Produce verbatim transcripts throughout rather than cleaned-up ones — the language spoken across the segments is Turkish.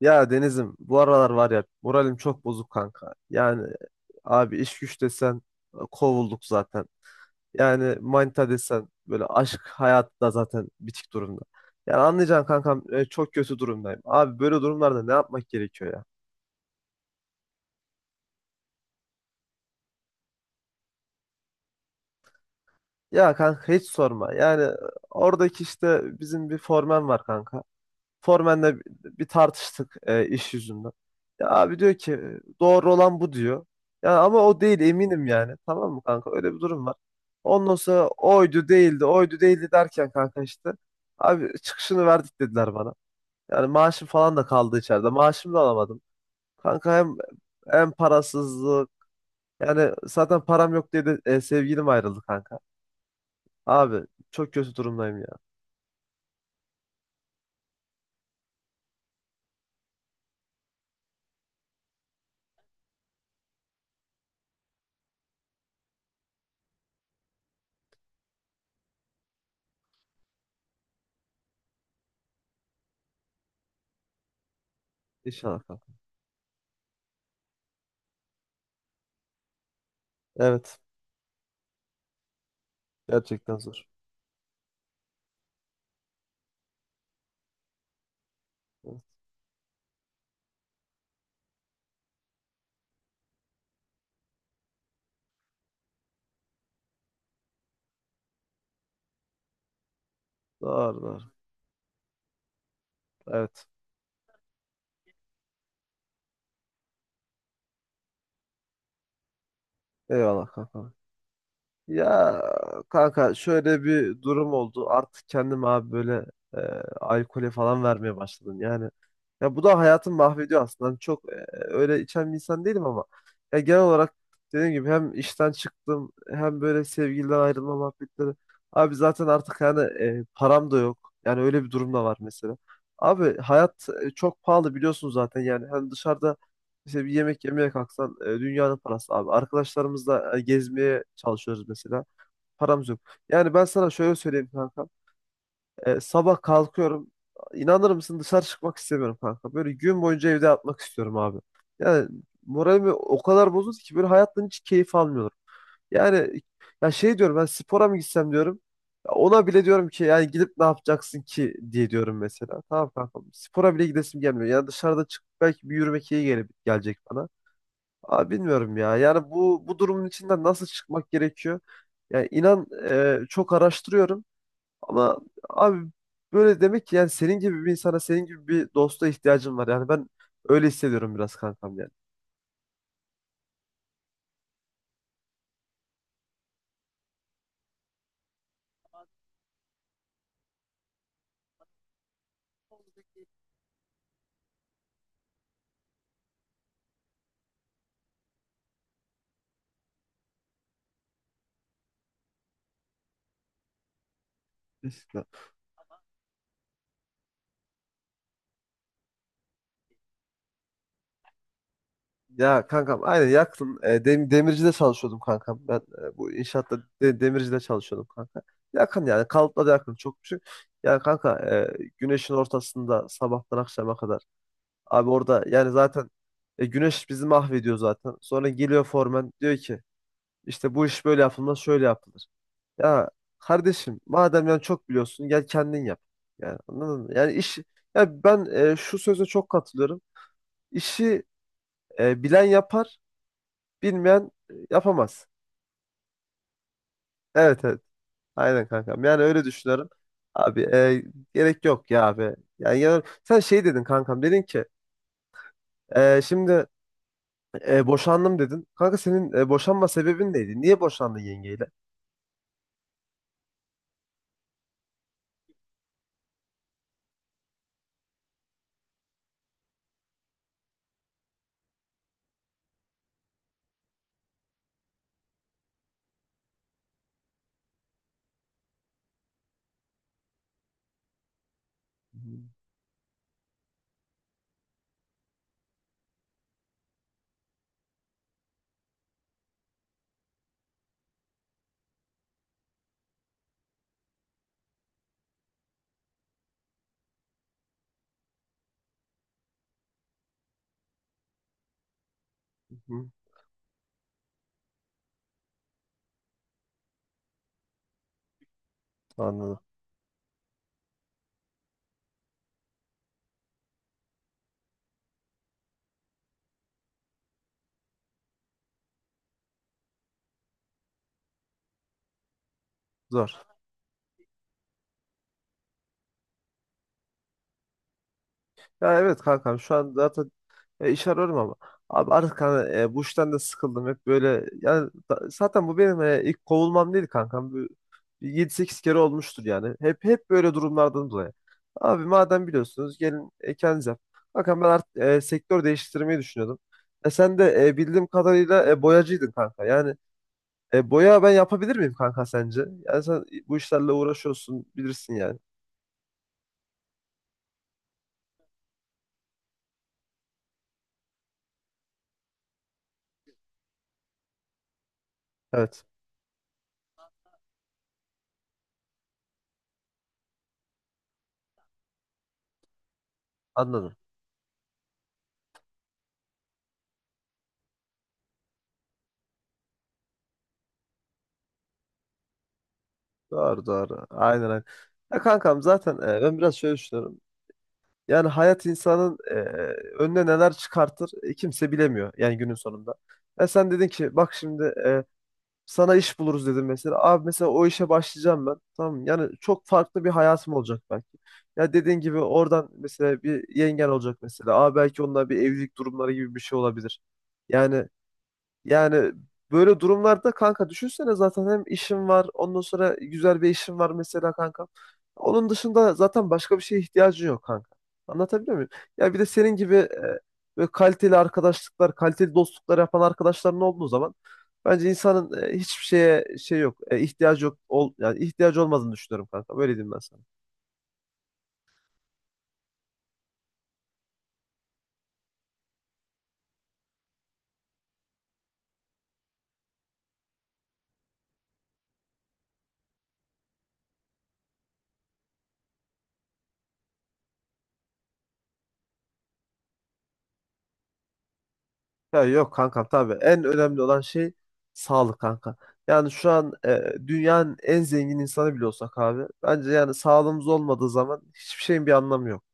Ya Deniz'im bu aralar var ya moralim çok bozuk kanka. Yani abi iş güç desen e, kovulduk zaten. Yani manita desen böyle aşk hayatı da zaten bitik durumda. Yani anlayacaksın kankam e, çok kötü durumdayım. Abi böyle durumlarda ne yapmak gerekiyor ya? Ya kanka hiç sorma. Yani e, oradaki işte bizim bir formen var kanka. Formen'le bir tartıştık e, iş yüzünden. Ya abi diyor ki doğru olan bu diyor. Ya ama o değil eminim yani. Tamam mı kanka? Öyle bir durum var. Ondan sonra oydu değildi, oydu değildi derken kanka işte. Abi çıkışını verdik dediler bana. Yani maaşım falan da kaldı içeride. Maaşımı da alamadım. Kanka hem hem parasızlık. Yani zaten param yok diye de e, sevgilim ayrıldı kanka. Abi çok kötü durumdayım ya. İnşallah kanka. Evet. Gerçekten zor. Evet. Doğru doğru. Evet. Eyvallah kanka. Ya kanka şöyle bir durum oldu. Artık kendim abi böyle e, alkole falan vermeye başladım. Yani ya bu da hayatımı mahvediyor aslında. Hani çok e, öyle içen bir insan değilim ama ya genel olarak dediğim gibi hem işten çıktım hem böyle sevgiliden ayrılma muhabbetleri. Abi zaten artık yani e, param da yok. Yani öyle bir durum da var mesela. Abi hayat e, çok pahalı biliyorsun zaten yani. Hani dışarıda işte bir yemek yemeye kalksan e, dünyanın parası abi. Arkadaşlarımızla e, gezmeye çalışıyoruz mesela. Paramız yok. Yani ben sana şöyle söyleyeyim kanka. E, sabah kalkıyorum. İnanır mısın dışarı çıkmak istemiyorum kanka. Böyle gün boyunca evde yatmak istiyorum abi. Yani moralimi o kadar bozuldu ki böyle hayattan hiç keyif almıyorum. Yani ya şey diyorum ben spora mı gitsem diyorum. Ya ona bile diyorum ki yani gidip ne yapacaksın ki diye diyorum mesela. Tamam kanka spora bile gidesim gelmiyor. Yani dışarıda çıkıp belki bir yürümek iyi gele- gelecek bana. Abi bilmiyorum ya. Yani bu bu durumun içinden nasıl çıkmak gerekiyor? Yani inan e, çok araştırıyorum. Ama abi böyle demek ki yani senin gibi bir insana, senin gibi bir dosta ihtiyacım var. Yani ben öyle hissediyorum biraz kankam yani. Kesinlikle. Ya kankam aynen yakın. E, dem- demircide çalışıyordum kankam. Ben e, bu inşaatta de- demircide çalışıyordum kanka. Yakın yani kalıpla da yakın çok küçük. Yani kanka e, güneşin ortasında sabahtan akşama kadar. Abi orada yani zaten e, güneş bizi mahvediyor zaten. Sonra geliyor formen diyor ki işte bu iş böyle yapılmaz şöyle yapılır. Ya kardeşim madem yani çok biliyorsun gel kendin yap. Yani anladın mı? Yani iş ya ben e, şu söze çok katılıyorum. İşi e, bilen yapar, bilmeyen e, yapamaz. Evet evet. Aynen kankam. Yani öyle düşünüyorum. Abi e, Gerek yok ya abi. Yani, ya- sen şey dedin kankam dedin ki e, şimdi E, boşandım dedin. Kanka senin e, boşanma sebebin neydi? Niye boşandın yengeyle? Hı hı. Anladım. Zor. Ya evet kankam şu an zaten E, iş arıyorum ama. Abi artık hani, e, bu işten de sıkıldım hep böyle. Yani da- zaten bu benim e, ilk kovulmam değil kankam. Bu- Bir yedi sekiz kere olmuştur yani. Hep hep böyle durumlardan dolayı. Abi madem biliyorsunuz gelin e, kendiniz yapın. Bakın ben artık e, sektör değiştirmeyi düşünüyordum. E, sen de e, bildiğim kadarıyla e, boyacıydın kanka. Yani e, boya ben yapabilir miyim kanka sence? Yani sen bu işlerle uğraşıyorsun bilirsin yani. Evet anladım. Doğru doğru. Aynen aynen. Ya kankam zaten e, ben biraz şöyle düşünüyorum. Yani hayat insanın e, önüne neler çıkartır e, kimse bilemiyor yani günün sonunda. Ya sen dedin ki bak şimdi e, sana iş buluruz dedim mesela. Abi mesela o işe başlayacağım ben. Tamam mı? Yani çok farklı bir hayatım olacak belki. Ya dediğin gibi oradan mesela bir yengen olacak mesela. Abi belki onunla bir evlilik durumları gibi bir şey olabilir. Yani yani böyle durumlarda kanka düşünsene zaten hem işim var ondan sonra güzel bir işim var mesela kanka. Onun dışında zaten başka bir şeye ihtiyacın yok kanka. Anlatabiliyor muyum? Ya bir de senin gibi e, böyle kaliteli arkadaşlıklar, kaliteli dostluklar yapan arkadaşların olduğu zaman bence insanın e, hiçbir şeye şey yok, e, ihtiyacı yok, ol, yani ihtiyacı olmadığını düşünüyorum kanka. Böyle diyeyim ben sana. Ya yok kankam tabii. En önemli olan şey sağlık kanka. Yani şu an e, dünyanın en zengin insanı bile olsak abi. Bence yani sağlığımız olmadığı zaman hiçbir şeyin bir anlamı yok.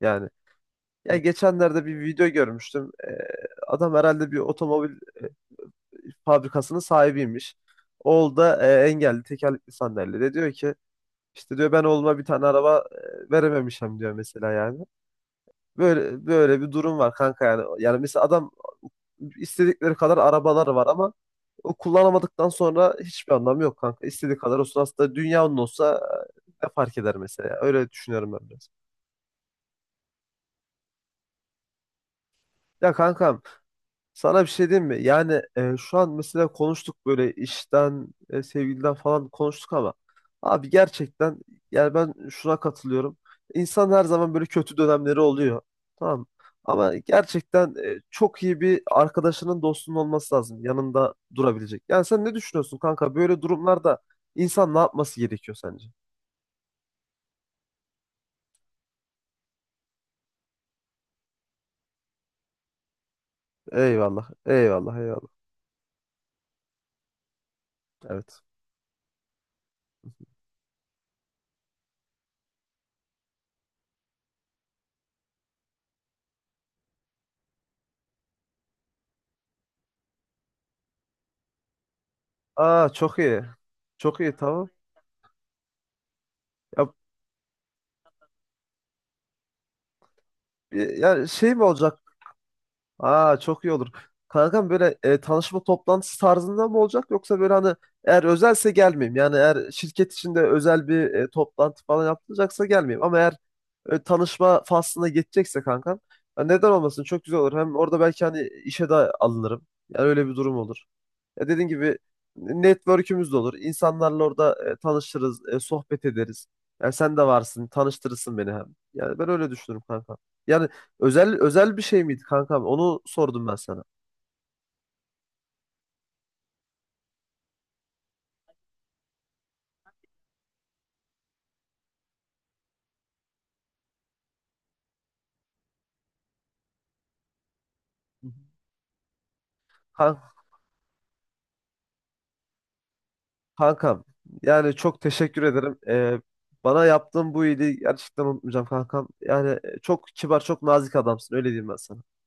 Yani ya geçenlerde bir video görmüştüm. E, adam herhalde bir otomobil e, fabrikasının sahibiymiş. Oğul da e, engelli tekerlekli sandalyede. Diyor ki işte diyor ben oğluma bir tane araba e, verememişim diyor mesela yani. Böyle böyle bir durum var kanka yani. Yani mesela adam istedikleri kadar arabalar var ama o kullanamadıktan sonra hiçbir anlamı yok kanka. İstediği kadar olsun aslında dünyanın olsa e, ne fark eder mesela. Öyle düşünüyorum ben biraz. Ya kankam sana bir şey diyeyim mi? Yani e, şu an mesela konuştuk böyle işten, e, sevgiliden falan konuştuk ama abi gerçekten yani ben şuna katılıyorum. İnsan her zaman böyle kötü dönemleri oluyor. Tamam. Ama gerçekten e, çok iyi bir arkadaşının dostunun olması lazım. Yanında durabilecek. Yani sen ne düşünüyorsun kanka? Böyle durumlarda insan ne yapması gerekiyor sence? Eyvallah. Eyvallah. Eyvallah. Evet. Aa çok iyi. Çok iyi tamam. Ya, ya şey mi olacak? Aa çok iyi olur. Kankam böyle e, tanışma toplantısı tarzında mı olacak yoksa böyle hani eğer özelse gelmeyeyim. Yani eğer şirket içinde özel bir e, toplantı falan yapılacaksa gelmeyeyim. Ama eğer e, tanışma faslına geçecekse kankam ya neden olmasın çok güzel olur. Hem orada belki hani işe de alınırım. Yani öyle bir durum olur. Ya dediğim gibi network'ümüz de olur. İnsanlarla orada e, tanışırız, e, sohbet ederiz. Yani sen de varsın, tanıştırırsın beni hem. Yani ben öyle düşünürüm kanka. Yani Özel özel bir şey miydi kankam? Onu sordum ben sana. Hı hı. Kan- Kankam, yani çok teşekkür ederim. Ee, bana yaptığın bu iyiliği gerçekten unutmayacağım kankam. Yani e, çok kibar, çok nazik adamsın. Öyle diyeyim ben sana.